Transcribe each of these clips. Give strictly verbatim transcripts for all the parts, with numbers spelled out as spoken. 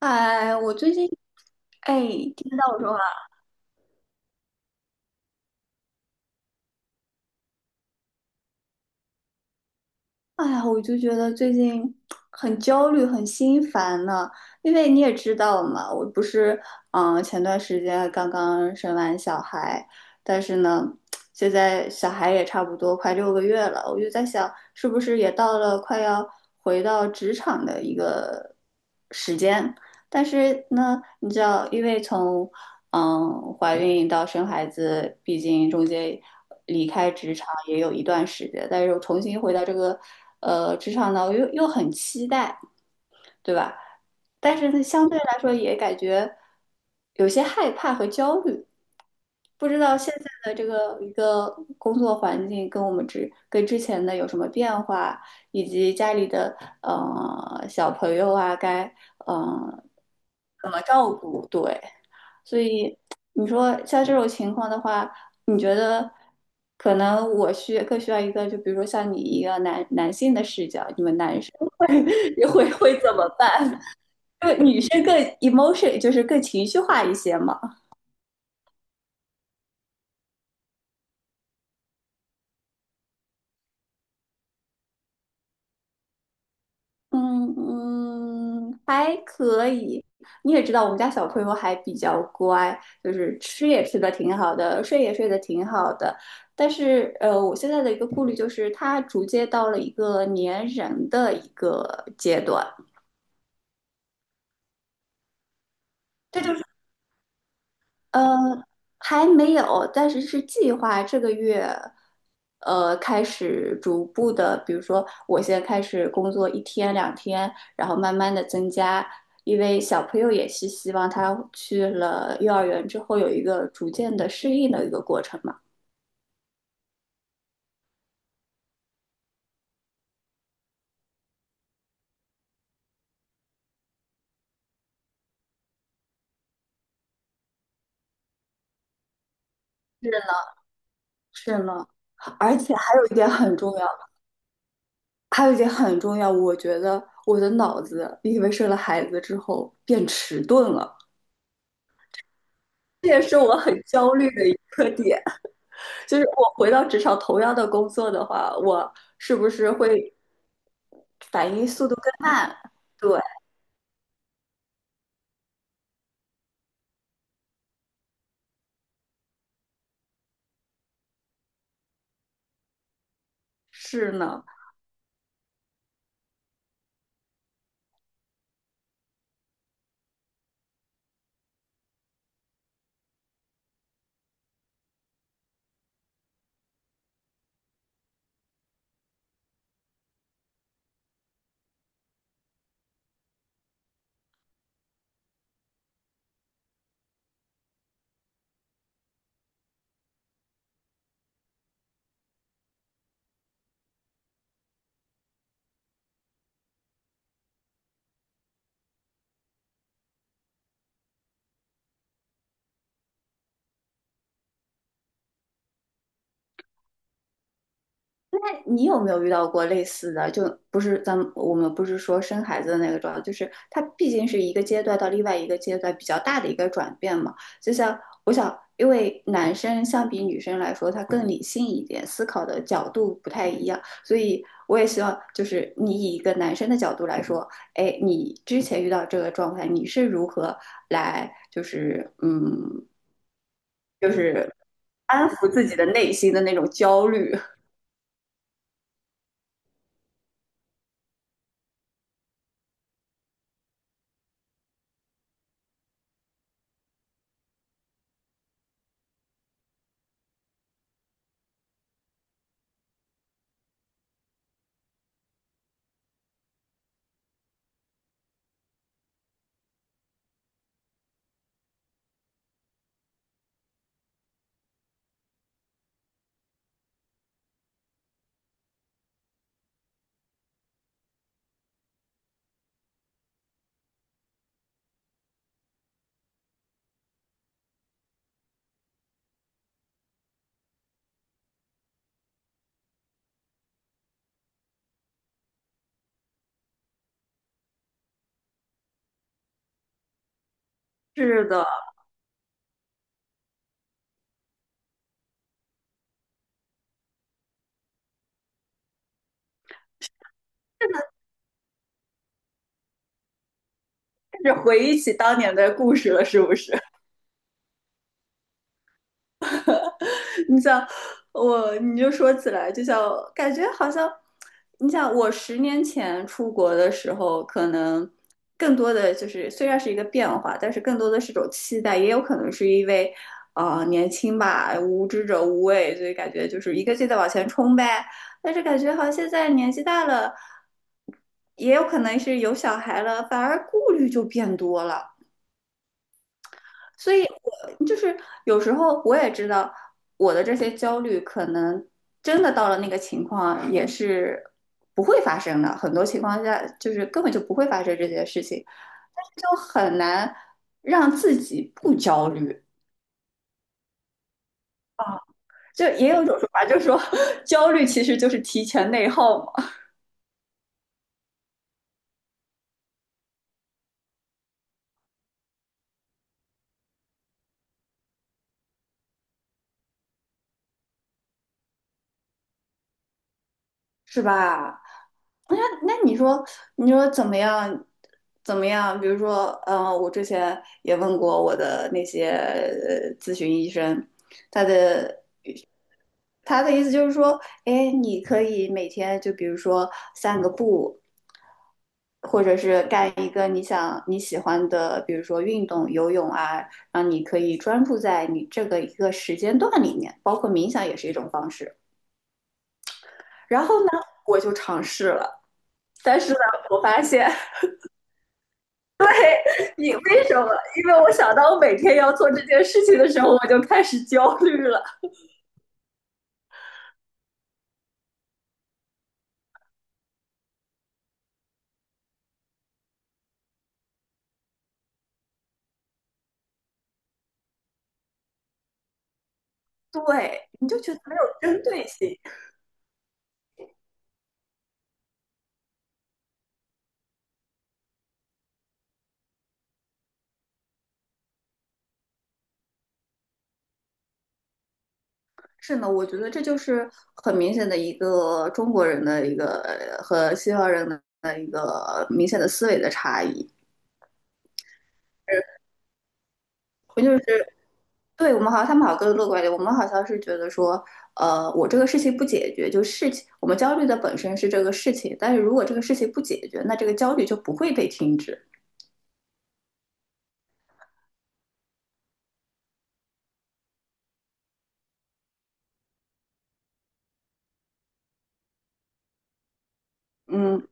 哎，我最近，哎，听到我说话。哎呀，我就觉得最近很焦虑，很心烦呢。因为你也知道嘛，我不是，嗯，前段时间刚刚生完小孩，但是呢，现在小孩也差不多快六个月了，我就在想，是不是也到了快要回到职场的一个时间？但是呢，你知道，因为从嗯，怀孕到生孩子，毕竟中间离开职场也有一段时间，但是又重新回到这个呃职场呢，我又又很期待，对吧？但是呢，相对来说也感觉有些害怕和焦虑，不知道现在的这个一个工作环境跟我们之跟之前的有什么变化，以及家里的呃小朋友啊，该嗯、呃、怎么照顾，对。所以你说像这种情况的话，你觉得可能我需更需要一个，就比如说像你一个男男性的视角，你们男生会 会会怎么办？因为女生更 emotion，就是更情绪化一些嘛。嗯嗯，还可以。你也知道，我们家小朋友还比较乖，就是吃也吃的挺好的，睡也睡得挺好的。但是，呃，我现在的一个顾虑就是，他逐渐到了一个粘人的一个阶段。这就是。呃，还没有，但是是计划这个月，呃，开始逐步的，比如说我先开始工作一天两天，然后慢慢的增加，因为小朋友也是希望他去了幼儿园之后有一个逐渐的适应的一个过程嘛。是是呢，而且还有一点很重要，还有一点很重要，我觉得我的脑子因为生了孩子之后变迟钝了，这也是我很焦虑的一个点。就是我回到职场同样的工作的话，我是不是会反应速度更慢？对，是呢。你有没有遇到过类似的？就不是咱们我们不是说生孩子的那个状态，就是它毕竟是一个阶段到另外一个阶段比较大的一个转变嘛。就像我想，因为男生相比女生来说，他更理性一点，思考的角度不太一样，所以我也希望就是你以一个男生的角度来说，哎，你之前遇到这个状态，你是如何来就是嗯，就是安抚自己的内心的那种焦虑？是的，是回忆起当年的故事了，是不是？你想我，你就说起来，就像感觉好像，你想我十年前出国的时候，可能更多的就是虽然是一个变化，但是更多的是一种期待，也有可能是因为啊、呃年轻吧，无知者无畏，所以感觉就是一个劲的往前冲呗。但是感觉好像现在年纪大了，也有可能是有小孩了，反而顾虑就变多了。所以我就是有时候我也知道我的这些焦虑，可能真的到了那个情况也是不会发生的，很多情况下就是根本就不会发生这些事情，但是就很难让自己不焦虑。就也有一种说法，就是说 焦虑其实就是提前内耗嘛。是吧？那那你说，你说怎么样？怎么样？比如说，呃，我之前也问过我的那些呃咨询医生，他的他的意思就是说，哎，你可以每天就比如说散个步，或者是干一个你想你喜欢的，比如说运动、游泳啊，让你可以专注在你这个一个时间段里面，包括冥想也是一种方式。然后呢，我就尝试了。但是呢，我发现你为什么？因为我想到我每天要做这件事情的时候，我就开始焦虑了。对，你就觉得没有针对性。是呢，我觉得这就是很明显的一个中国人的一个和西方人的一个明显的思维的差异。就是对我们好像他们好像更乐观一点，我们好像是觉得说，呃，我这个事情不解决，就事情我们焦虑的本身是这个事情，但是如果这个事情不解决，那这个焦虑就不会被停止。嗯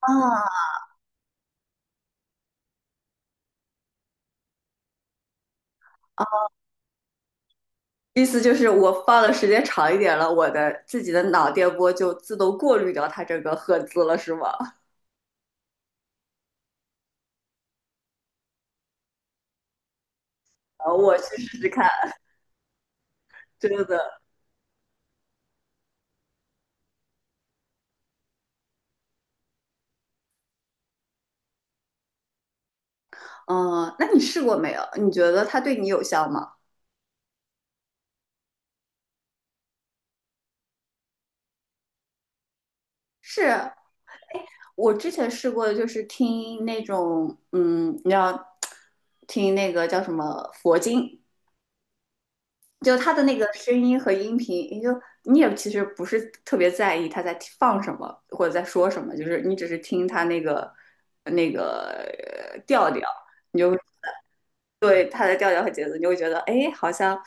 啊，意思就是我放的时间长一点了，我的自己的脑电波就自动过滤掉它这个赫兹了，是吗？啊，我去试试看，真的。嗯，那你试过没有？你觉得它对你有效吗？是我之前试过的，就是听那种，嗯，你知道听那个叫什么佛经，就他的那个声音和音频，你就你也其实不是特别在意他在放什么或者在说什么，就是你只是听他那个那个呃调调，你就对他的调调和节奏，你就会觉得哎，诶好像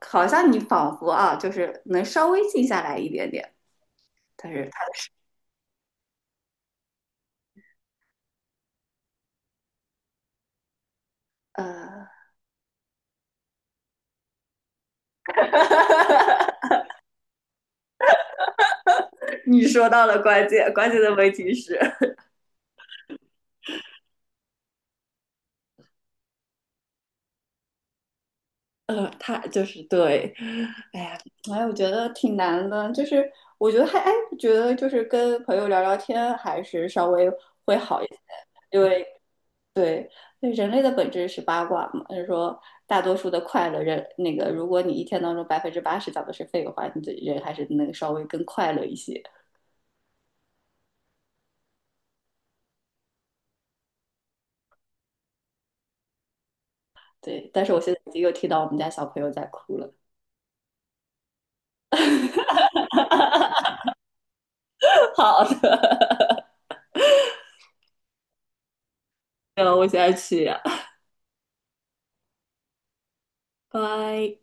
好像你仿佛啊，就是能稍微静下来一点点。但是他呃，你说到了关键，关键的问题是，呃，他就是对，哎呀，哎，我觉得挺难的，就是我觉得还哎，我觉得就是跟朋友聊聊天还是稍微会好一些，因为对，人类的本质是八卦嘛，就是说大多数的快乐人，那个如果你一天当中百分之八十讲的是废话，你的人还是能稍微更快乐一些。对，但是我现在已经又听到我们家小朋友在哭了。好的，那我现在去呀，拜。